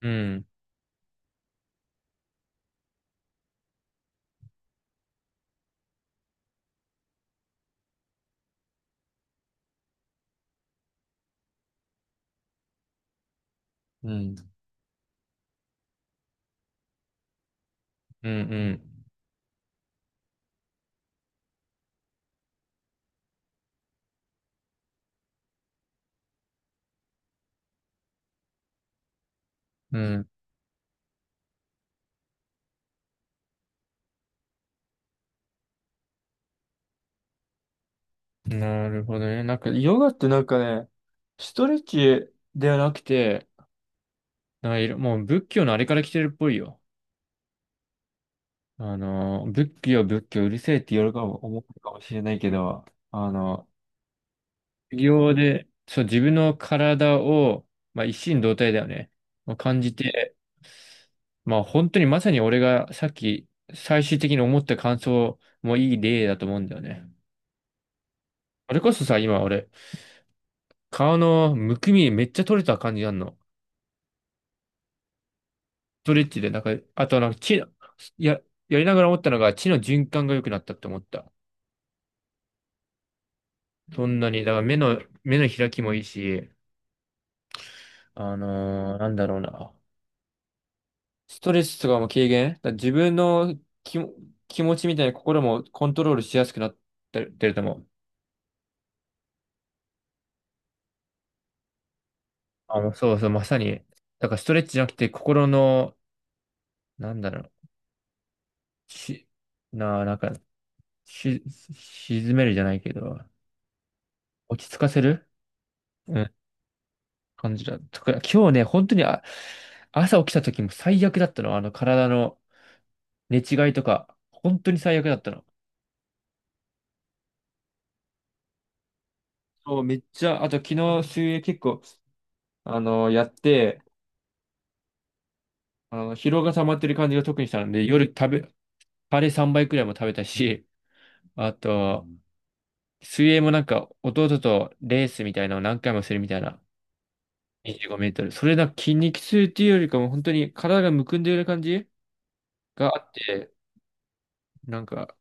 うん、うん、うん、うん、うん。なるほどね。なんか、ヨガってなんかね、ストレッチではなくて、なんかいろもう仏教のあれから来てるっぽいよ。仏教、仏教、うるせえって言かも、思うかもしれないけど、あの、修行で、そう、自分の体を、一心同体だよね。まあ、感じて、まあ、本当にまさに俺がさっき、最終的に思った感想もいい例だと思うんだよね。それこそさ、今俺、顔のむくみめっちゃ取れた感じなんの。ストレッチで、なんか、あとなんか血の、や、やりながら思ったのが血の循環が良くなったって思った。そんなに、だから目の、目の開きもいいし、なんだろうな。ストレスとかも軽減だから自分の気も、気持ちみたいな心もコントロールしやすくなってるってると思う。そうそう、まさに。だからストレッチじゃなくて心の、なんだろう。し、な、なんか、し、沈めるじゃないけど、落ち着かせるうん感じだったから、今日ね、本当に、朝起きた時も最悪だったの。体の寝違いとか、本当に最悪だったの。そう、めっちゃ、あと昨日水泳結構、やって、疲労が溜まってる感じが特にしたので、夜食べ、カレー3倍くらいも食べたし、あと、水泳もなんか、弟とレースみたいなのを何回もするみたいな、25メートル。それなんか筋肉痛っていうよりかも、本当に体がむくんでる感じがあって、なんか、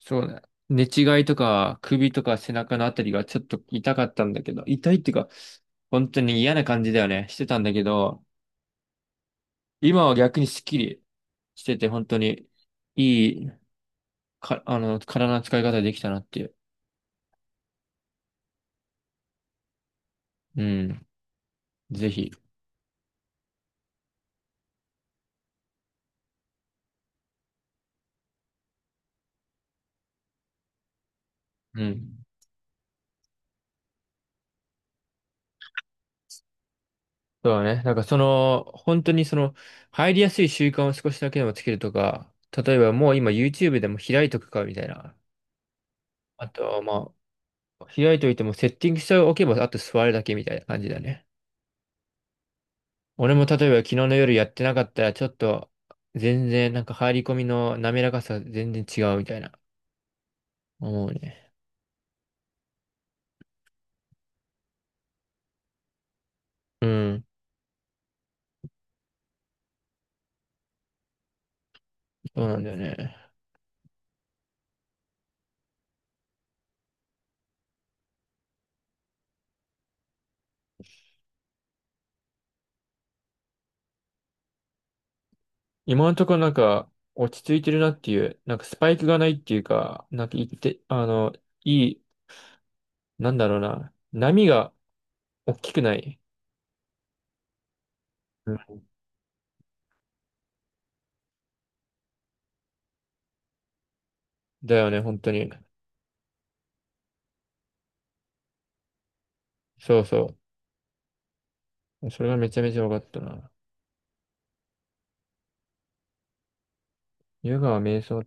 そうだ。寝違いとか、首とか背中のあたりがちょっと痛かったんだけど、痛いっていうか、本当に嫌な感じだよね。してたんだけど、今は逆にスッキリしてて、本当にいいか、あの、体の使い方できたなっていう。うん。ぜひ。うん。そうだね。なんかその、本当にその、入りやすい習慣を少しだけでもつけるとか、例えばもう今 YouTube でも開いとくかみたいな。あとはまあ、開いといてもセッティングしておけば、あと座るだけみたいな感じだね。俺も例えば昨日の夜やってなかったら、ちょっと全然なんか入り込みの滑らかさ全然違うみたいな思うね。うん、そうなんだよね。今のところなんか落ち着いてるなっていう、なんかスパイクがないっていうか、なんか言って、あの、いい、なんだろうな、波が大きくない。うんだよね、本当に。そうそう。それがめちゃめちゃ分かったな。ヨガは瞑想。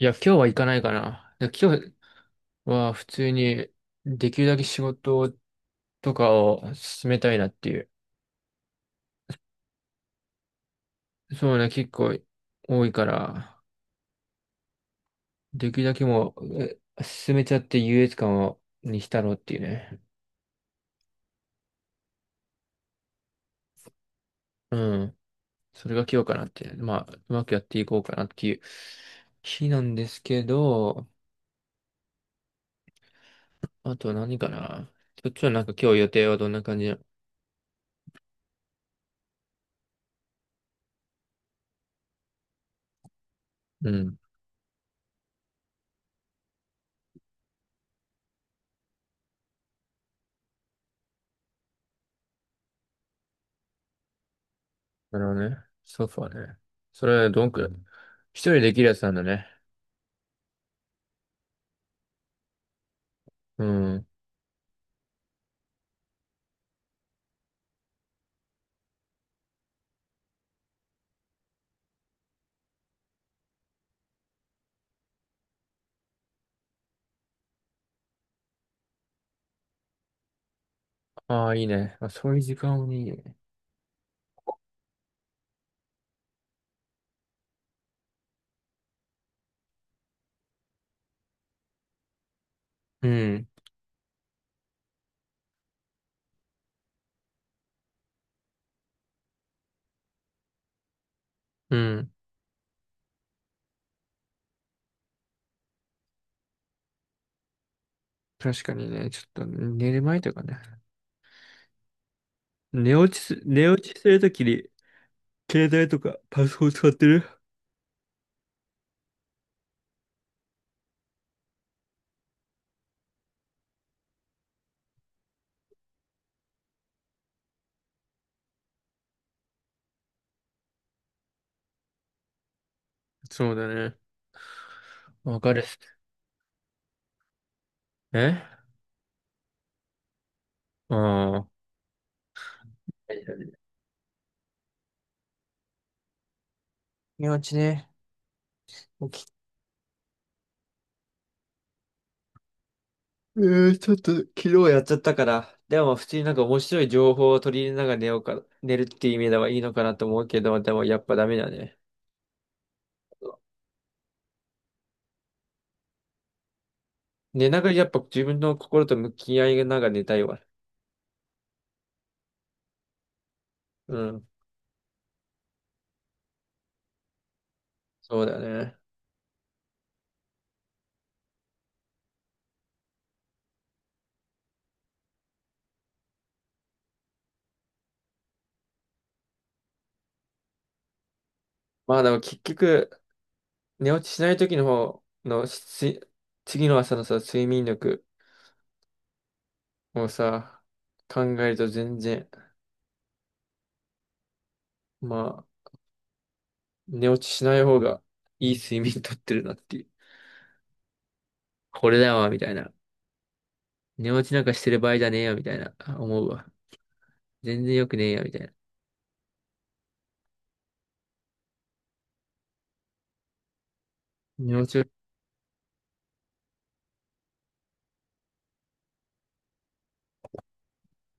いや、今日は行かないかな。で今日は普通にできるだけ仕事をとかを進めたいなっていう。そうね、結構多いから、できるだけもう進めちゃって優越感を、にしたろうっていうね。うん。それが今日かなって。まあ、うまくやっていこうかなっていう日なんですけど、あと何かな。そっちはなんか今日予定はどんな感じなの？うん。なるほどね。ソファね。それはどんくらい一人できるやつなんだね。うん。ああ、いいね。あ、そういう時間もいいね。うん。うん。確かにね、ちょっと寝る前とかね。寝落ちするときに、携帯とかパソコン使ってるそうだね。わかるっす。えああ。寝落ちね。起きえー、ちょっと昨日やっちゃったから。でも普通になんか面白い情報を取り入れながら寝ようか、寝るっていう意味ではいいのかなと思うけど、でもやっぱダメだね。寝ながらやっぱ自分の心と向き合いながら寝たいわ。うん、そうだね。まあでも結局、寝落ちしない時の方のし次の朝のさ、睡眠力をさ、考えると全然、まあ、寝落ちしない方がいい睡眠とってるなっていう。これだわ、みたいな。寝落ちなんかしてる場合じゃねえよ、みたいな、思うわ。全然良くねえよ、みたいな。寝落ちを、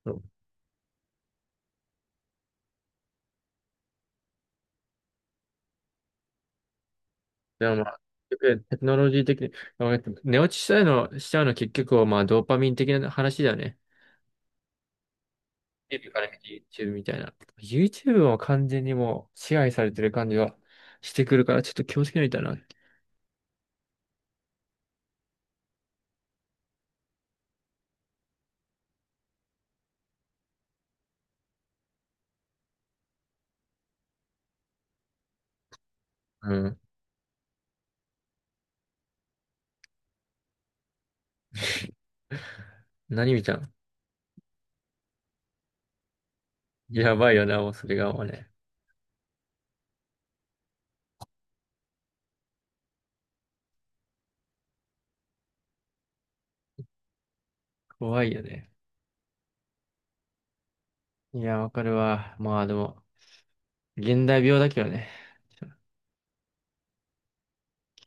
そうでもまあ、結局テクノロジー的に、まあ寝落ちしたいの、しちゃうの結局はまあ、ドーパミン的な話だよね。YouTube から見て YouTube みたいな。YouTube も完全にもう支配されてる感じはしてくるから、ちょっと気をつけないとな。うん。何見たん？やばいよな、もうそれがもうね。怖いよね。いや、わかるわ。まあでも、現代病だけどね。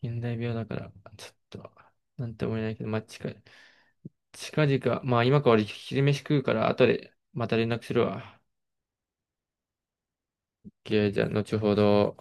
現代病だから、ちょっと、なんて思えないけど、まあ近い。近々、まあ今から俺昼飯食うから、後でまた連絡するわ。オッケー、じゃあ後ほど。